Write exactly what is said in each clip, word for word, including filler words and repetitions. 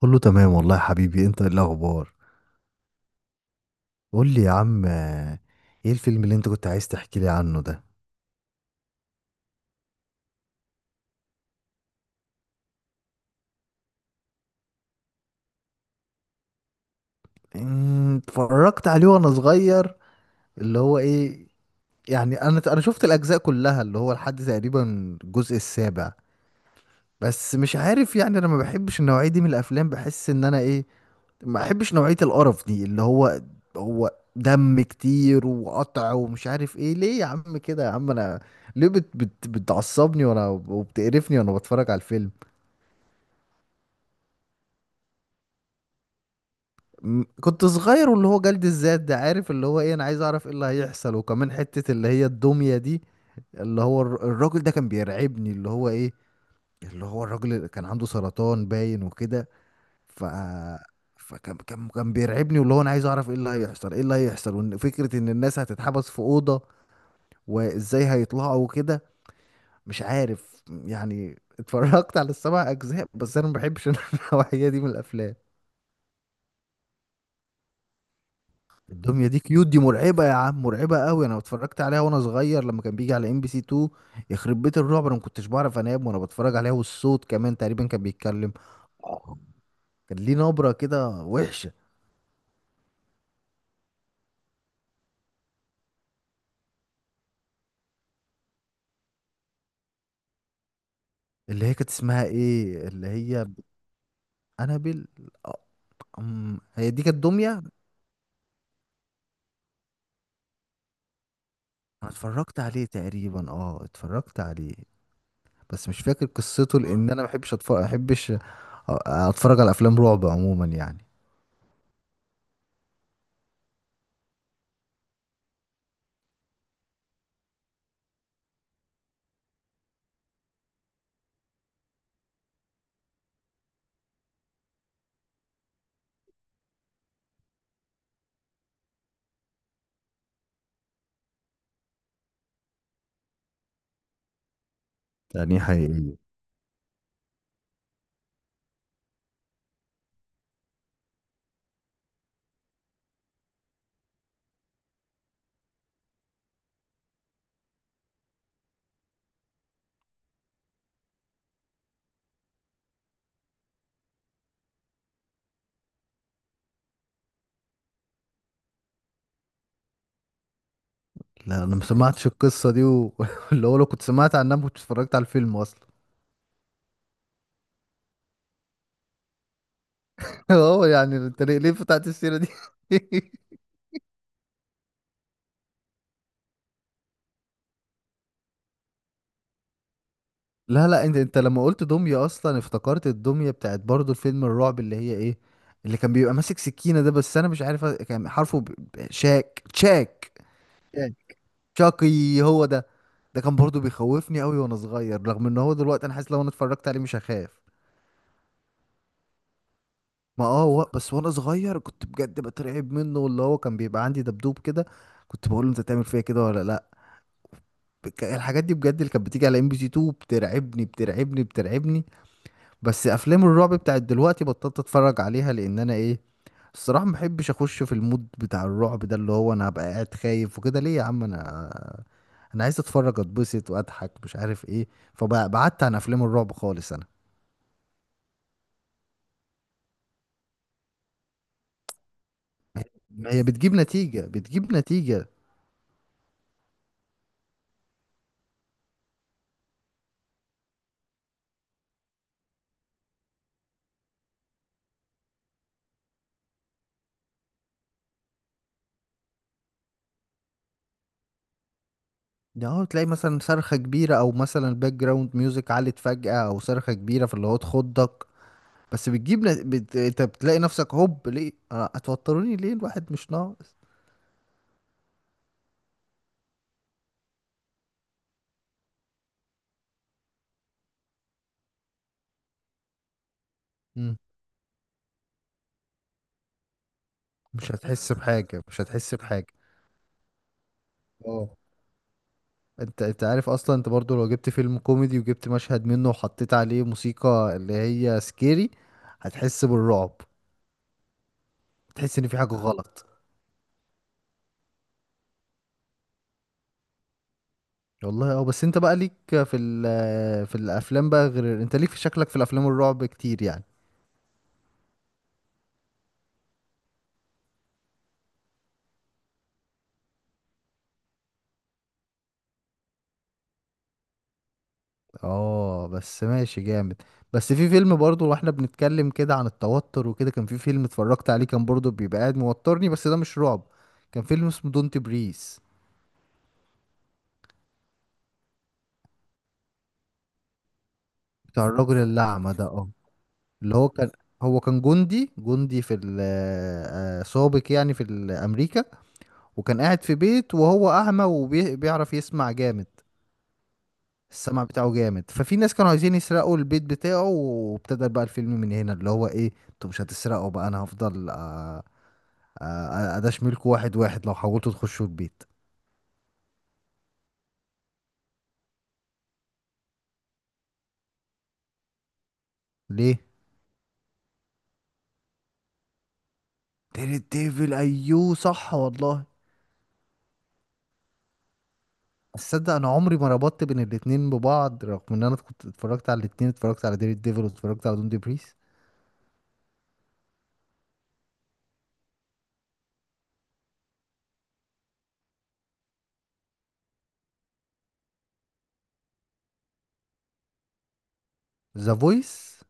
كله تمام والله يا حبيبي. انت ايه الاخبار؟ قول لي يا عم آه، ايه الفيلم اللي انت كنت عايز تحكي لي عنه ده؟ امم، اتفرجت عليه وانا صغير. اللي هو ايه؟ يعني انا انا شفت الاجزاء كلها اللي هو لحد تقريبا الجزء السابع، بس مش عارف. يعني انا ما بحبش النوعية دي من الافلام، بحس ان انا ايه، ما بحبش نوعية القرف دي اللي هو هو دم كتير وقطع ومش عارف ايه. ليه يا عم كده؟ يا عم انا ليه بت بت بتعصبني وانا، وبتقرفني وانا بتفرج على الفيلم؟ م- كنت صغير، واللي هو جلد الذات ده، عارف اللي هو ايه؟ انا عايز اعرف ايه اللي هيحصل، وكمان حتة اللي هي الدمية دي، اللي هو الر- الراجل ده كان بيرعبني. اللي هو ايه؟ اللي هو الراجل اللي كان عنده سرطان باين وكده. ف فكان كان كان بيرعبني، واللي هو انا عايز اعرف ايه اللي هيحصل ايه اللي هيحصل، وان فكرة ان الناس هتتحبس في أوضة وازاي هيطلعوا وكده. مش عارف، يعني اتفرجت على السبع اجزاء بس انا ما بحبش النوعية دي من الافلام. الدميه دي كيوت دي مرعبه يا عم، مرعبه قوي. انا اتفرجت عليها وانا صغير لما كان بيجي على ام بي سي اتنين. يخرب بيت الرعب، انا ما كنتش بعرف انام وانا بتفرج عليها. والصوت كمان تقريبا كان بيتكلم، كان ليه نبره كده وحشه. اللي هي كانت اسمها ايه اللي هي انابل؟ آه، أم، هي دي كانت دميه. انا اتفرجت عليه تقريبا، اه اتفرجت عليه، بس مش فاكر قصته لان انا ما بحبش اتفرج، ما بحبش أ- اتفرج على افلام رعب عموما يعني. يعني حقيقي؟ لا انا ما سمعتش القصه دي و- واللي هو لو كنت سمعت عنها ما كنتش اتفرجت على الفيلم اصلا. اه، يعني انت ليه ليه فتحت السيره دي؟ لا لا، انت انت لما قلت دميه اصلا افتكرت الدميه بتاعت برضو الفيلم الرعب اللي هي ايه، اللي كان بيبقى ماسك سكينه ده، بس انا مش عارف كان حرفه ب... ب- شاك شاك يعني، شاقي هو ده. ده كان برضو بيخوفني قوي وانا صغير، رغم ان هو دلوقتي انا حاسس لو انا اتفرجت عليه مش هخاف. ما اه و... بس وانا صغير كنت بجد بترعب منه، واللي هو كان بيبقى عندي دبدوب كده، كنت بقول له انت تعمل فيا كده ولا لا. بك- الحاجات دي بجد اللي كانت بتيجي على ام بي سي اتنين بترعبني بترعبني بترعبني. بس افلام الرعب بتاعت دلوقتي بطلت اتفرج عليها لان انا ايه، الصراحة ما بحبش اخش في المود بتاع الرعب ده، اللي هو انا هبقى قاعد خايف وكده. ليه يا عم انا؟ انا عايز اتفرج اتبسط واضحك، مش عارف ايه. فبعدت عن افلام الرعب خالص انا. هي بتجيب نتيجة بتجيب نتيجة. اه، تلاقي مثلا صرخة كبيرة او مثلا الباك جراوند ميوزك علت فجأة او صرخة كبيرة، فاللي هو تخضك. بس بتجيب نت... بت... انت بتلاقي نفسك هوب، ليه آه، هتوتروني ليه؟ الواحد مش ناقص. مم. مش هتحس بحاجة مش هتحس بحاجة. اه، انت انت عارف اصلا انت برضو لو جبت فيلم كوميدي وجبت مشهد منه وحطيت عليه موسيقى اللي هي سكيري هتحس بالرعب، تحس ان في حاجة غلط. والله اه، بس انت بقى ليك في ال... في الافلام بقى، غير انت ليك في شكلك في الافلام الرعب كتير يعني. اه بس ماشي، جامد. بس في فيلم برضو، واحنا بنتكلم كده عن التوتر وكده، كان في فيلم اتفرجت عليه كان برضو بيبقى قاعد موترني، بس ده مش رعب. كان فيلم اسمه دونت بريس، بتاع الراجل الأعمى ده اه. اللي هو كان، هو كان جندي جندي في ال- آه، سابق يعني في ال- أمريكا. وكان قاعد في بيت وهو أعمى وبيعرف يسمع جامد، السمع بتاعه جامد. ففي ناس كانوا عايزين يسرقوا البيت بتاعه، وابتدى بقى الفيلم من هنا اللي هو ايه، انتوا مش هتسرقوا بقى، انا هفضل آه، آه، اداش ملك واحد واحد لو حاولتوا تخشوا البيت. ليه؟ تيري ديفل، ايوه صح والله. تصدق انا عمري ما ربطت بين الاتنين ببعض، رغم ان انا كنت اتفرجت على الاتنين، اتفرجت على ديري ديفل واتفرجت على دون دي بريس. ذا فويس،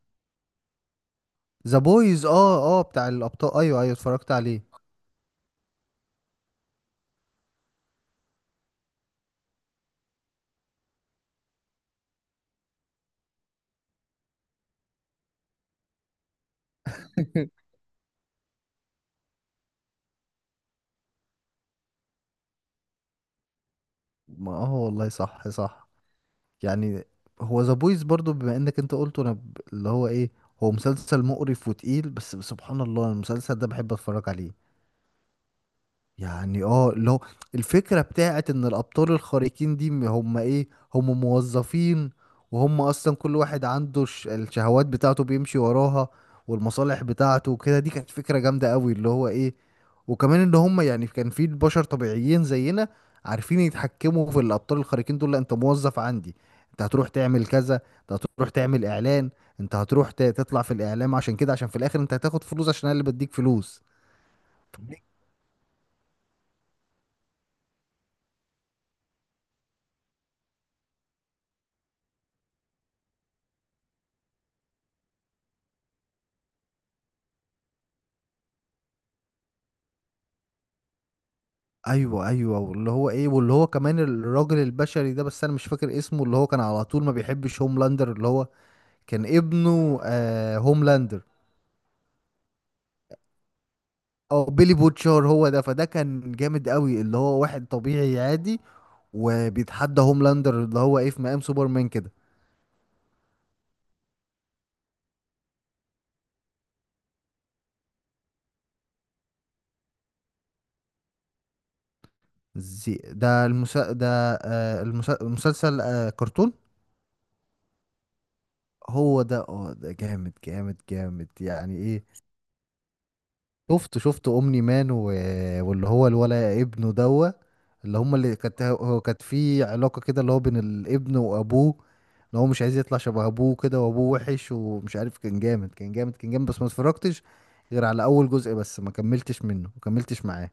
ذا بويز، اه اه، بتاع الابطال، ايوه ايوه اتفرجت عليه. ما اه والله صح صح يعني. هو ذا بويز برضو بما انك انت قلته، انا ب- اللي هو ايه، هو مسلسل مقرف وتقيل، بس سبحان الله المسلسل ده بحب اتفرج عليه. يعني اه، لو الفكرة بتاعت ان الابطال الخارقين دي م- هم ايه، هم موظفين، وهم اصلا كل واحد عنده ش- الشهوات بتاعته بيمشي وراها، والمصالح بتاعته وكده، دي كانت فكرة جامدة قوي اللي هو ايه. وكمان ان هم يعني كان في بشر طبيعيين زينا عارفين يتحكموا في الابطال الخارقين دول. لا انت موظف عندي، انت هتروح تعمل كذا، انت هتروح تعمل اعلان، انت هتروح ت- تطلع في الاعلام، عشان كده عشان في الاخر انت هتاخد فلوس، عشان انا اللي بديك فلوس. ايوه ايوه، واللي هو ايه، واللي هو كمان الراجل البشري ده، بس انا مش فاكر اسمه، اللي هو كان على طول ما بيحبش هوملاندر، اللي هو كان ابنه آه هوملاندر، او بيلي بوتشار هو ده. فده كان جامد قوي، اللي هو واحد طبيعي عادي وبيتحدى هوملاندر اللي هو ايه في مقام سوبرمان كده. زي ده المسا... ده آه المسا... المسلسل، آه كرتون. هو ده اه، ده جامد جامد جامد يعني ايه. شفت شفت اومني مان و... واللي هو الولا ابنه دوا، اللي هما اللي كانت، هو كانت في علاقة كده اللي هو بين الابن وابوه، اللي هو مش عايز يطلع شبه ابوه كده، وابوه وحش ومش عارف. كان جامد كان جامد كان جامد، بس ما اتفرجتش غير على اول جزء، بس ما كملتش منه ما كملتش معاه.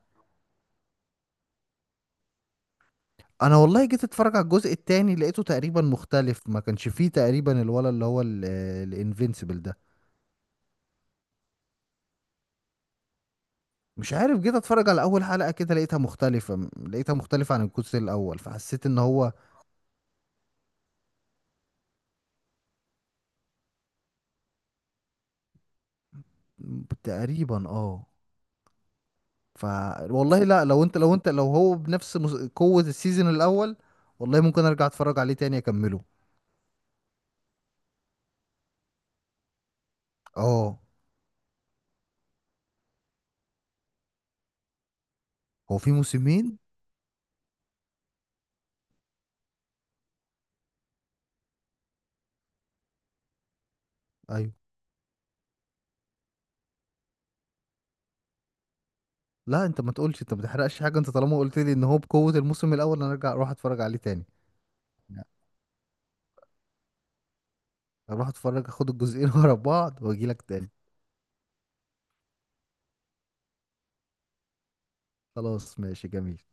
انا والله جيت اتفرج على الجزء التاني، لقيته تقريبا مختلف، ما كانش فيه تقريبا الولا اللي هو الانفينسيبل ده. مش عارف، جيت اتفرج على اول حلقة كده لقيتها مختلفة لقيتها مختلفة عن الجزء الاول، فحسيت ان هو تقريبا اه، ف، والله لا، لو انت لو انت لو هو بنفس مس- قوة السيزون الاول والله ممكن ارجع اتفرج عليه تاني اكمله. اه هو في موسمين؟ ايوه. لا، انت ما تقولش، انت ما تحرقش حاجة، انت طالما قلت لي ان هو بقوة الموسم الاول انا ارجع اروح اتفرج عليه تاني. لا، اروح اتفرج اخد الجزئين ورا بعض واجي لك تاني. خلاص ماشي، جميل.